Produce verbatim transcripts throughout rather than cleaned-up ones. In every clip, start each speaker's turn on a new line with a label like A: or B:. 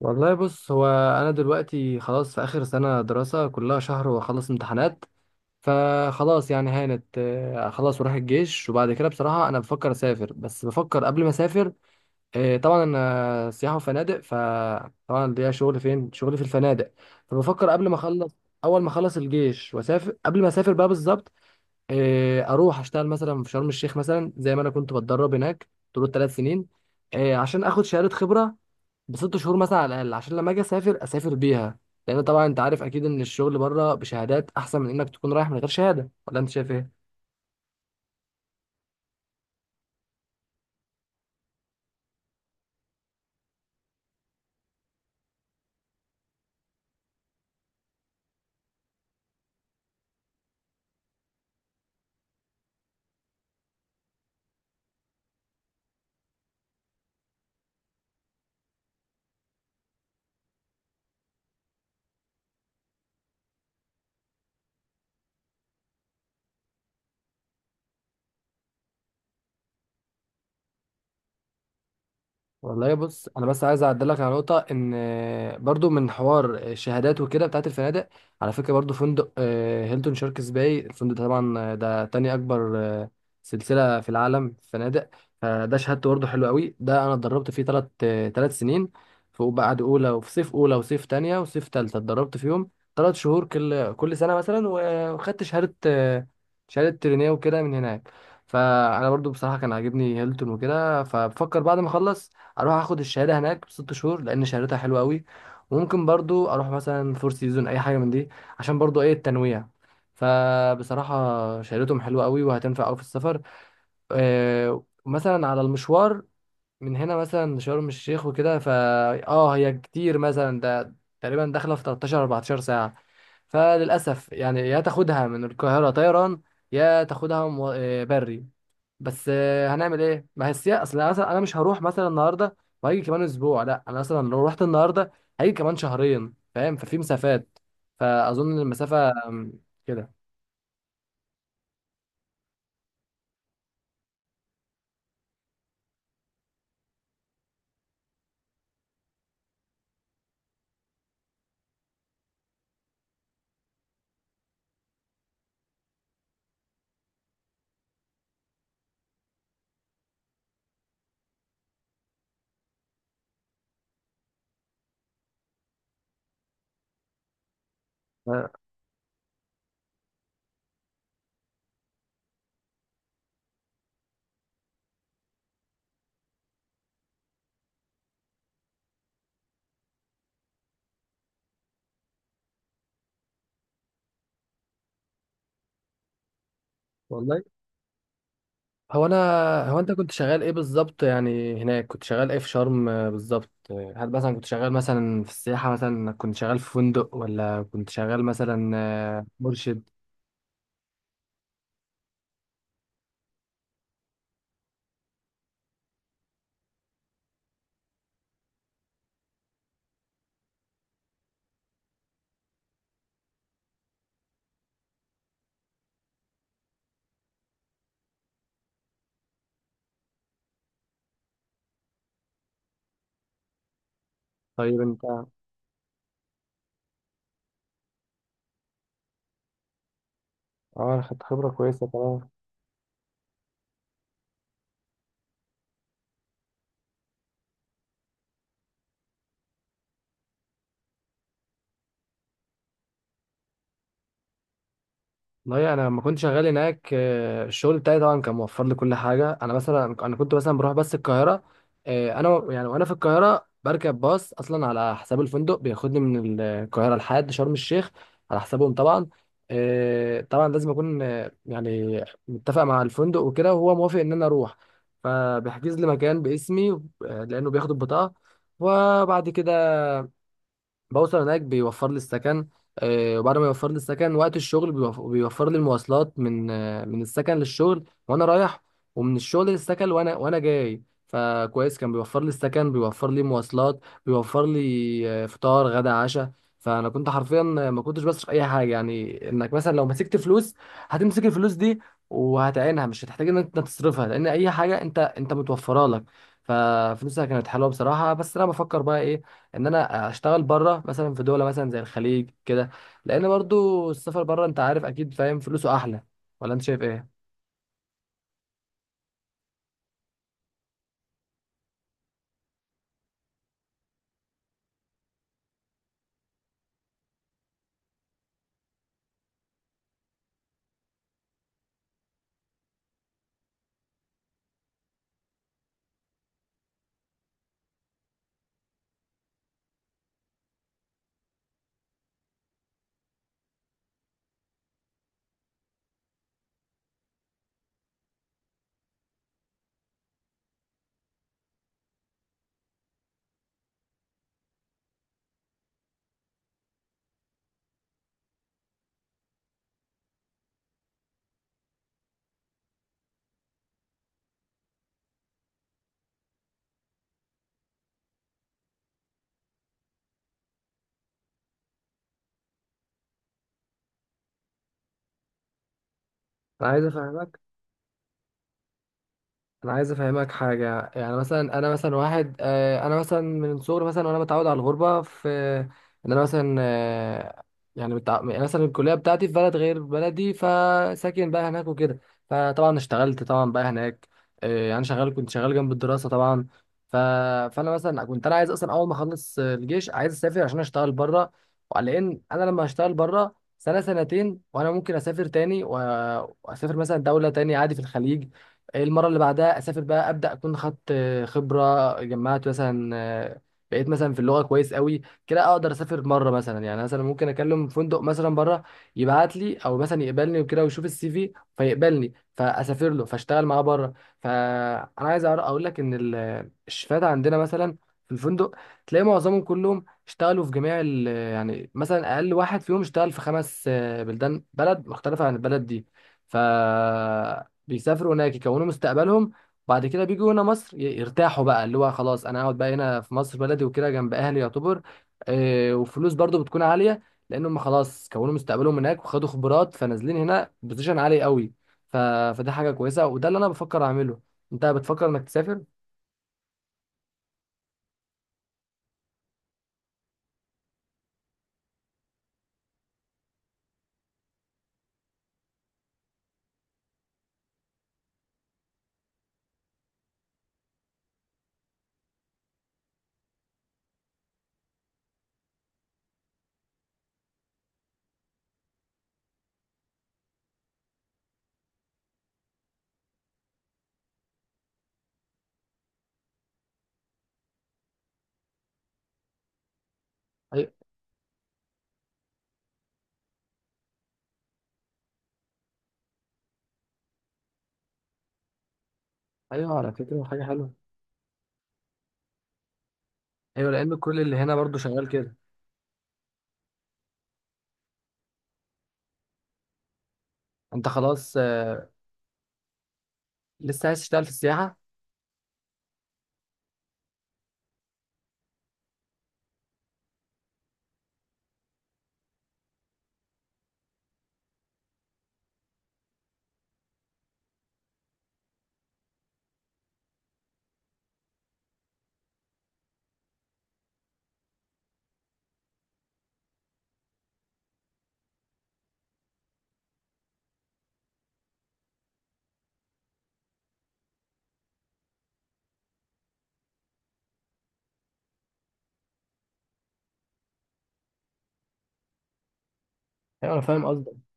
A: والله بص هو انا دلوقتي خلاص في اخر سنه دراسه كلها شهر واخلص امتحانات. فخلاص يعني هانت، آه، خلاص وراح الجيش. وبعد كده بصراحه انا بفكر اسافر، بس بفكر قبل ما اسافر. آه، طبعا انا سياحه وفنادق، فطبعا ليا شغل، فين شغلي؟ في الفنادق. فبفكر قبل ما اخلص، اول ما اخلص الجيش واسافر، قبل ما اسافر بقى بالظبط، آه، اروح اشتغل مثلا في شرم الشيخ، مثلا زي ما انا كنت بتدرب هناك طول التلات سنين، آه، عشان اخد شهاده خبره بست شهور مثلا على الاقل، عشان لما اجي اسافر اسافر بيها. لان طبعا انت عارف اكيد ان الشغل بره بشهادات احسن من انك تكون رايح من غير شهاده، ولا انت شايف ايه؟ والله بص، انا بس عايز اعدلك على نقطه ان آه، برضو من حوار الشهادات وكده بتاعت الفنادق، على فكره برضو فندق آه، هيلتون شاركس باي، الفندق ده طبعا، آه، ده تاني اكبر آه، سلسله في العالم في فنادق. فده شهادته برضو حلو قوي. ده انا اتدربت فيه ثلاث ثلاث سنين، في بعد اولى وفي صيف اولى وصيف تانية وصيف تالتة اتدربت فيهم تلات شهور كل كل سنه مثلا. و- وخدت شهاده، آه، شهاده ترينيه وكده من هناك. فانا برضو بصراحه كان عاجبني هيلتون وكده، فبفكر بعد ما اخلص اروح اخد الشهاده هناك بست شهور، لان شهادتها حلوه قوي. وممكن برضو اروح مثلا فور سيزون، اي حاجه من دي، عشان برضو ايه، التنويع. فبصراحه شهادتهم حلوه قوي وهتنفع قوي في السفر. آه، مثلا على المشوار من هنا مثلا لشرم الشيخ وكده، فا اه هي كتير مثلا، ده تقريبا داخله في تلتاشر اربعتاشر ساعه. فللاسف يعني يا تاخدها من القاهره طيران، يا تاخدها مو- آه، بري. بس آه، هنعمل ايه، ما هي السياسه. اصل انا مثلا، انا مش هروح مثلا النهارده وهيجي كمان اسبوع، لا انا مثلا لو رحت النهارده هيجي كمان شهرين، فاهم؟ ففي مسافات، فاظن المسافه آم، كده. آه، والله هو انا هو انت كنت شغال ايه بالظبط يعني هناك؟ كنت شغال ايه في شرم آه، بالظبط؟ آه، هل مثلا كنت شغال مثلا في السياحه، مثلا كنت شغال في فندق، ولا كنت شغال مثلا آه، مرشد؟ طيب انت، اه أنا خدت خبرة كويسة تمام. والله انا لما كنت شغال هناك آه، الشغل بتاعي طبعا كان موفر لي كل حاجه. انا مثلا، انا كنت مثلا بروح بس القاهره، آه، انا و- يعني وانا في القاهره بركب باص اصلا على حساب الفندق، بياخدني من القاهره لحد شرم الشيخ على حسابهم طبعا. آه، طبعا لازم اكون آه، يعني متفق مع الفندق وكده، وهو موافق ان انا اروح، فبيحجز لي مكان باسمي، آه، لانه بياخد البطاقه. وبعد كده بوصل هناك بيوفر لي السكن، آه، وبعد ما يوفر لي السكن، وقت الشغل بيوف- بيوفر لي المواصلات من آه، من السكن للشغل وانا رايح، ومن الشغل للسكن وانا وانا جاي. فكويس، كان بيوفر لي السكن، بيوفر لي مواصلات، بيوفر لي آه، فطار غدا عشاء. فانا كنت حرفيا ما كنتش بصرف اي حاجه. يعني انك مثلا لو مسكت فلوس هتمسك الفلوس دي وهتعينها، مش هتحتاج ان انت تصرفها، لان اي حاجه انت انت متوفره لك. ففلوسها كانت حلوه بصراحه. بس انا بفكر بقى ايه، ان انا اشتغل بره مثلا في دوله مثلا زي الخليج كده، لان برضو السفر بره انت عارف اكيد، فاهم، فلوسه احلى، ولا انت شايف ايه؟ انا عايز افهمك انا عايز افهمك حاجه. يعني مثلا انا مثلا واحد، آه، انا مثلا من صغري مثلا وانا متعود على الغربه، في ان انا مثلا آه، يعني متع... يعني مثلا الكليه بتاعتي في بلد غير بلدي، فساكن بقى هناك وكده، فطبعا اشتغلت طبعا بقى هناك. آه، يعني شغال، كنت شغال جنب الدراسه طبعا. ف... فانا مثلا كنت انا عايز اصلا اول ما اخلص آه، الجيش عايز اسافر عشان اشتغل بره، لان انا لما هشتغل بره سنه سنتين وانا ممكن اسافر تاني، و... واسافر مثلا دوله تاني عادي في الخليج. إيه المره اللي بعدها اسافر بقى ابدا، اكون خدت آه، خبره، جمعت مثلا، آه، بقيت مثلا في اللغه كويس قوي كده، اقدر اسافر مره مثلا. يعني مثلا ممكن اكلم فندق مثلا بره يبعت لي، او مثلا يقبلني وكده ويشوف السي في فيقبلني، فاسافر له فاشتغل معاه بره. فانا عايز أعر- اقول لك ان ال- الشفات عندنا مثلا في الفندق تلاقي معظمهم كلهم اشتغلوا في جميع ال- يعني مثلا اقل واحد فيهم اشتغل في خمس آه، بلدان، بلد مختلفه عن البلد دي. ف بيسافروا هناك يكونوا مستقبلهم، بعد كده بيجوا هنا مصر ي- يرتاحوا بقى، اللي هو خلاص انا اقعد بقى هنا في مصر بلدي وكده جنب اهلي، يعتبر آه، وفلوس برضو بتكون عالية، لان هم خلاص كونوا مستقبلهم هناك وخدوا خبرات، فنازلين هنا بوزيشن عالي قوي. ف... فده حاجة كويسة، وده اللي انا بفكر اعمله. انت بتفكر انك تسافر؟ أي- ايوه على فكرة حاجة حلوة. ايوه لان كل اللي هنا برضو شغال كده. انت خلاص آه، لسه عايز تشتغل في السياحة؟ ايوه انا فاهم قصدك.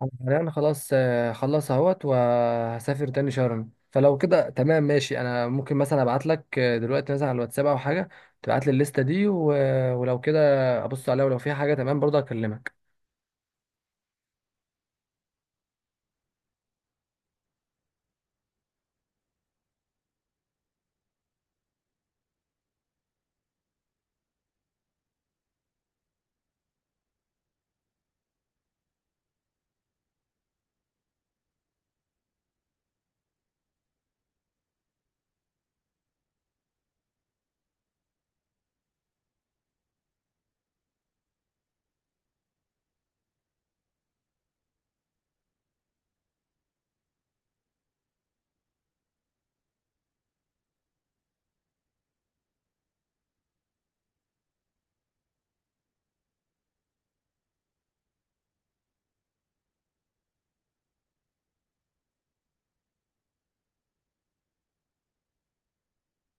A: يعني انا حاليا خلاص آه، خلص اهوت وهسافر تاني شرم، فلو كده تمام ماشي، انا ممكن مثلا ابعت لك آه، دلوقتي مثلا على الواتساب او حاجه، تبعت لي الليسته دي و... ولو كده ابص عليها، ولو في حاجه تمام برضه اكلمك.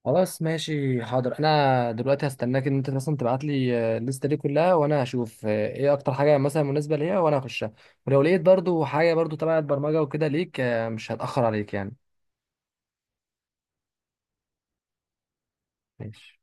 A: خلاص ماشي حاضر، انا دلوقتي هستناك ان انت مثلا تبعت لي آه، الليسته دي كلها، وانا هشوف آه، ايه اكتر حاجه مثلا مناسبه ليا وانا هخشها. ولو لقيت برضه حاجه برضه تبع البرمجه وكده ليك آه، مش هتاخر عليك يعني. ماشي.